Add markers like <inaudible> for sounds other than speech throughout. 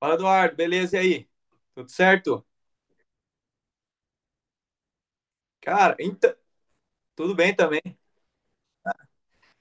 Fala, Eduardo, beleza? E aí? Tudo certo? Cara, então, tudo bem também.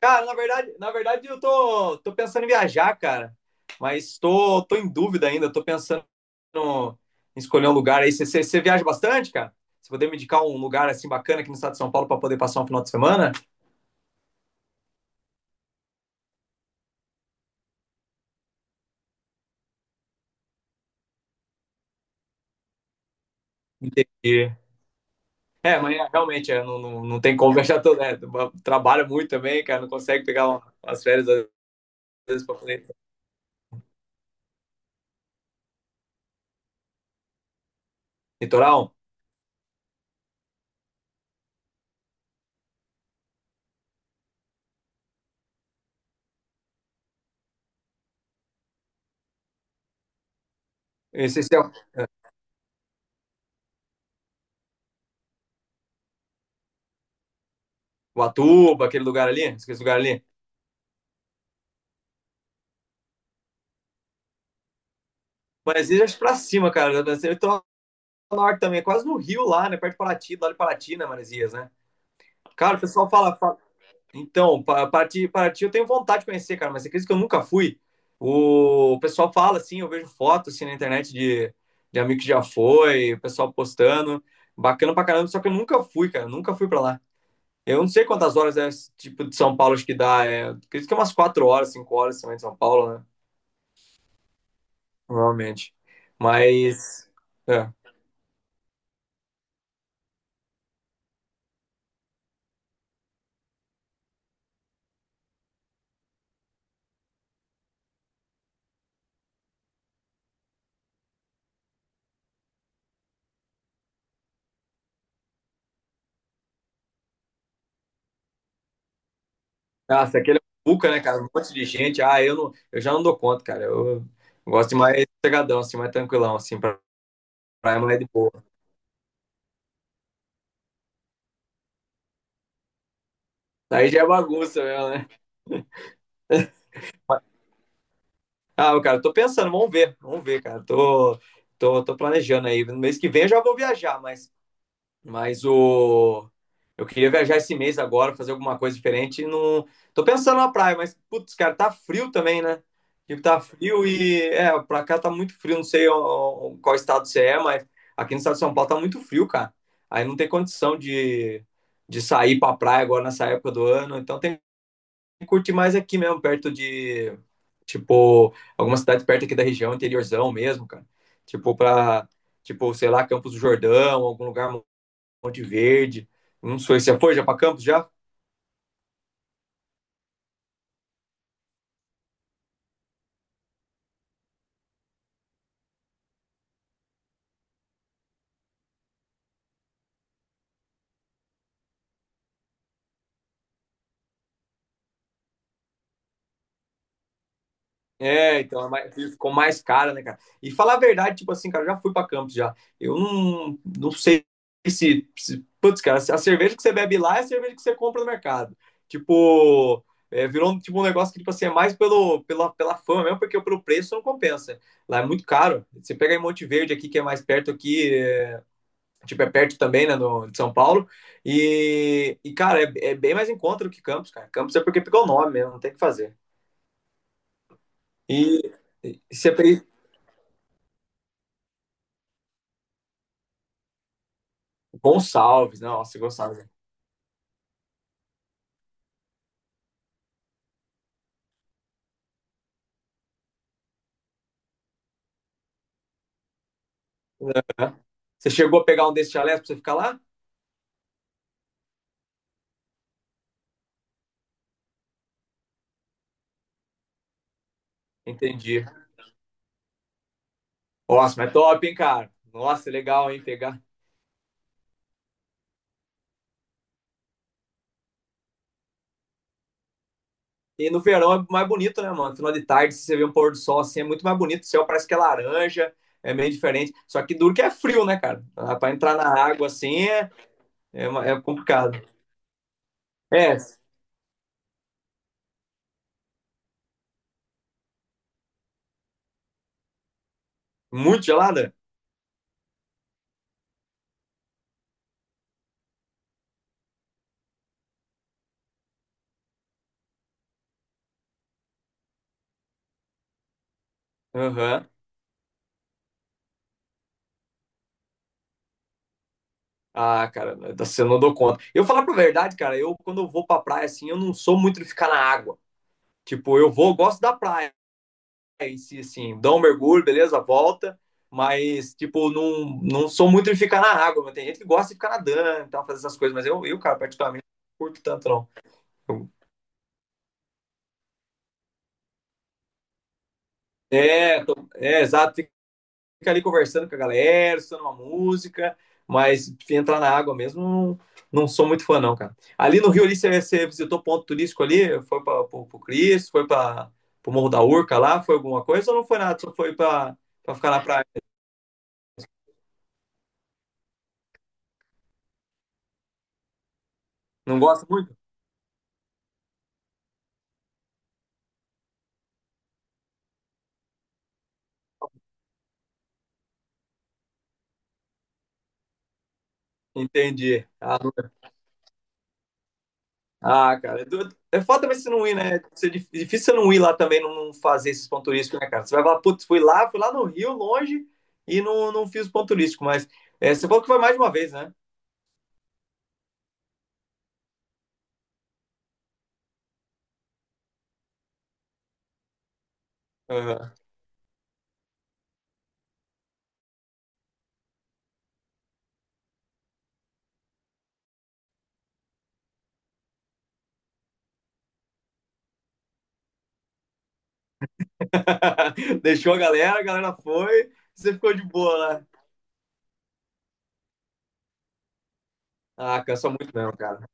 Cara, na verdade, eu tô pensando em viajar, cara. Mas tô em dúvida ainda, tô pensando no- em escolher um lugar aí. Você viaja bastante, cara? Você poder me indicar um lugar assim bacana aqui no estado de São Paulo para poder passar um final de semana? Entendi. É, mas é, realmente é, não tem como <laughs> viajar todo, né? Trabalha muito também, cara, não consegue pegar umas férias às vezes para poder litoral. Eu não sei se é, Ubatuba, aquele lugar ali, aquele lugar ali. Maresias pra cima, cara. Eu tô lá no norte também, é quase no Rio lá, né? Perto de Paraty, lá de Paraty, né, Maresias, né? Cara, o pessoal fala. Então, Paraty, Paraty eu tenho vontade de conhecer, cara, mas você acredita que eu nunca fui? O pessoal fala, assim, eu vejo fotos, assim, na internet de amigo que já foi, o pessoal postando. Bacana pra caramba, só que eu nunca fui, cara. Eu Nunca fui pra lá. Eu não sei quantas horas é, tipo, de São Paulo acho que dá. É, acredito que é umas 4 horas, 5 horas também de São Paulo, né? Provavelmente. Mas. É. Nossa, aquele é um buca, né, cara? Um monte de gente. Ah, eu já não dou conta, cara. Eu gosto de mais sossegadão, assim, mais tranquilão, assim, pra praia mais de boa. Aí já é bagunça mesmo, né? Ah, cara, eu tô pensando, vamos ver, cara. Tô planejando aí. No mês que vem eu já vou viajar, mas o. Eu queria viajar esse mês agora, fazer alguma coisa diferente. Não. Tô pensando na praia, mas, putz, cara, tá frio também, né? Tipo, tá frio e. É, pra cá tá muito frio, não sei ó, qual estado você é, mas aqui no estado de São Paulo tá muito frio, cara. Aí não tem condição de sair pra praia agora nessa época do ano. Então tem que curtir mais aqui mesmo, perto de. Tipo, alguma cidade perto aqui da região, interiorzão mesmo, cara. Tipo, pra. Tipo, sei lá, Campos do Jordão, algum lugar Monte Verde. Não sei, você foi já para Campos já? É, então é ficou mais cara, né, cara? E falar a verdade, tipo assim, cara, eu já fui pra Campos já. Eu não sei se. Putz, cara, a cerveja que você bebe lá é a cerveja que você compra no mercado. Tipo, é, virou tipo, um negócio que, tipo assim, é mais pelo, pela fama mesmo, porque pelo preço não compensa. Lá é muito caro. Você pega em Monte Verde aqui, que é mais perto aqui, tipo, é perto também, né, no, de São Paulo. E cara, é bem mais encontro que Campos, cara. Campos é porque pegou o nome mesmo, não tem o que fazer. E, e você fez Gonçalves, né? Nossa, Gonçalves. Né? Você chegou a pegar um desses chalés pra você ficar lá? Entendi. Nossa, mas top, hein, cara? Nossa, legal, hein, pegar. E no verão é mais bonito, né, mano? Final de tarde, se você vê um pôr do sol assim, é muito mais bonito. O céu parece que é laranja, é meio diferente. Só que duro que é frio, né, cara? Pra entrar na água assim é complicado. É, muito gelada? Aham. Ah, cara, você não dou conta. Eu falar pra verdade, cara, eu quando eu vou pra praia, assim, eu não sou muito de ficar na água. Tipo, eu vou, eu gosto da praia em si, assim, dou um mergulho, beleza, volta. Mas, tipo, não sou muito de ficar na água. Mas tem gente que gosta de ficar nadando e tal, fazer essas coisas. Mas cara, particularmente, não curto tanto, não. Eu- É, é, exato. Fica ali conversando com a galera, estudando uma música, mas entrar na água mesmo, não, não sou muito fã, não, cara. Ali no Rio, ali, você visitou ponto turístico ali? Foi para o Cristo, foi para o Morro da Urca lá? Foi alguma coisa ou não foi nada? Só foi para ficar na praia? Não gosta muito? Entendi. Ah, cara, é é foda também você não ir, né? Isso é difícil você não ir lá também, não fazer esses pontos turísticos, né, cara? Você vai falar, putz, fui lá no Rio, longe, não, não fiz ponto turístico, mas é, você falou que foi mais de uma vez, né? <laughs> Deixou a galera foi, você ficou de boa lá. Ah, cansa muito mesmo, cara.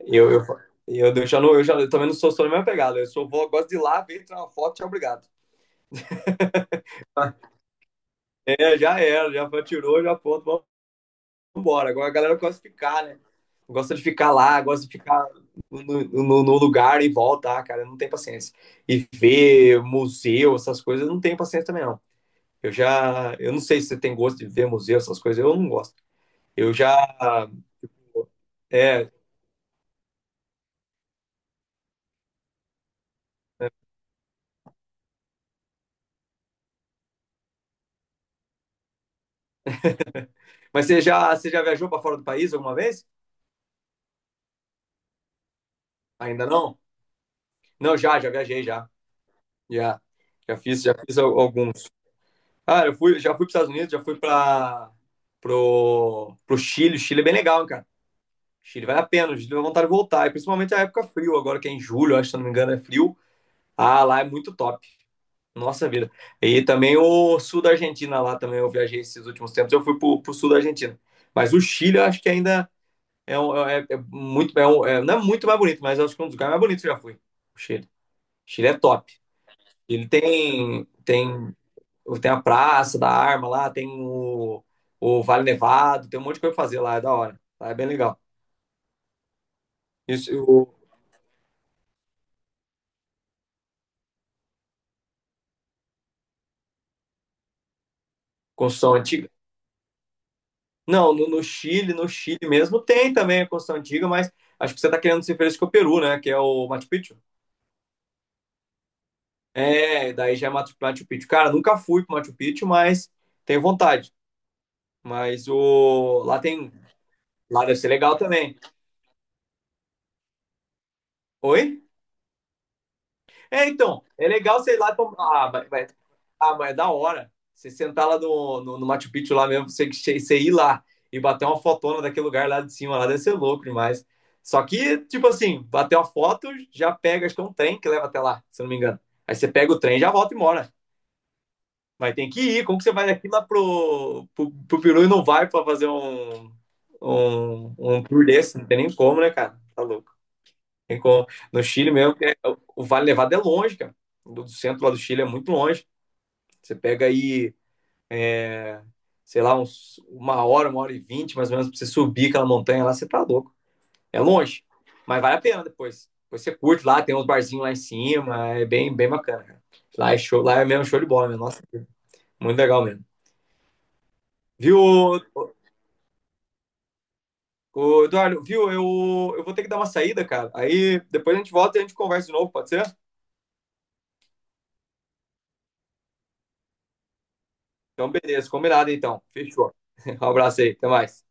Eu, eu, eu já não, eu também não sou só na mesma pegada. Eu sou vou, gosto de ir lá, ver, tirar uma foto, tchau, obrigado. É, já era, já foi, tirou, já pronto, vamos embora. Agora a galera gosta de ficar, né? Gosta de ficar lá, gosta de ficar no, no lugar e volta, ah, cara, não tem paciência. E ver museu, essas coisas, eu não tenho paciência também, não. Eu não sei se você tem gosto de ver museu, essas coisas, eu não gosto. Eu já, é, Mas você já viajou para fora do país alguma vez? Ainda não? Não, já, já viajei, já. Já, já fiz alguns. Ah, eu fui, já fui para os Estados Unidos, já fui para pro Chile. O Chile é bem legal, hein, cara. O Chile vale a pena, o Chile dá vontade de voltar. E principalmente a época frio, agora que é em julho, eu acho, se eu não me engano, é frio. Ah, lá é muito top. Nossa vida. E também o sul da Argentina lá também, eu viajei esses últimos tempos. Eu fui pro sul da Argentina. Mas o Chile, eu acho que ainda é, é, é muito, é um, não é muito mais bonito, mas acho que é um dos lugares mais bonitos que eu já fui. O Chile. Chile é top. Ele tem a Praça da Arma lá, tem o Vale Nevado, tem um monte de coisa pra fazer lá, é da hora. Lá é bem legal. Isso, o, construção antiga. Não, no Chile mesmo tem também a construção antiga, mas acho que você tá querendo se referir com o Peru, né? Que é o Machu Picchu. É, daí já é Machu Picchu. Cara, nunca fui pro Machu Picchu, mas tenho vontade. Mas o, lá tem. Lá deve ser legal também. Oi? É, então, é legal sei lá. Tomar. Ah, mas é da hora. Você sentar lá no Machu Picchu lá mesmo, você ir lá e bater uma fotona daquele lugar lá de cima, lá deve ser louco demais. Só que, tipo assim, bater uma foto, já pega, acho que é um trem que leva até lá, se eu não me engano. Aí você pega o trem, já volta e mora. Mas tem que ir. Como que você vai daqui lá pro Peru e não vai pra fazer um tour desse? Não tem nem como, né, cara? Tá louco. Tem como- No Chile mesmo, o Vale Nevado é longe, cara. Do do centro lá do Chile é muito longe. Você pega aí, é, sei lá, uma hora e 20, mais ou menos, pra você subir aquela montanha lá, você tá louco. É longe, mas vale a pena depois. Depois você curte lá, tem uns barzinhos lá em cima, bem bacana, cara. Lá é show, lá é mesmo show de bola, meu. Nossa, muito legal mesmo. Viu, ô- ô, Eduardo? Viu? Eu vou ter que dar uma saída, cara. Aí depois a gente volta e a gente conversa de novo, pode ser? Então, beleza, combinado então. Fechou. <laughs> Um abraço aí, até mais.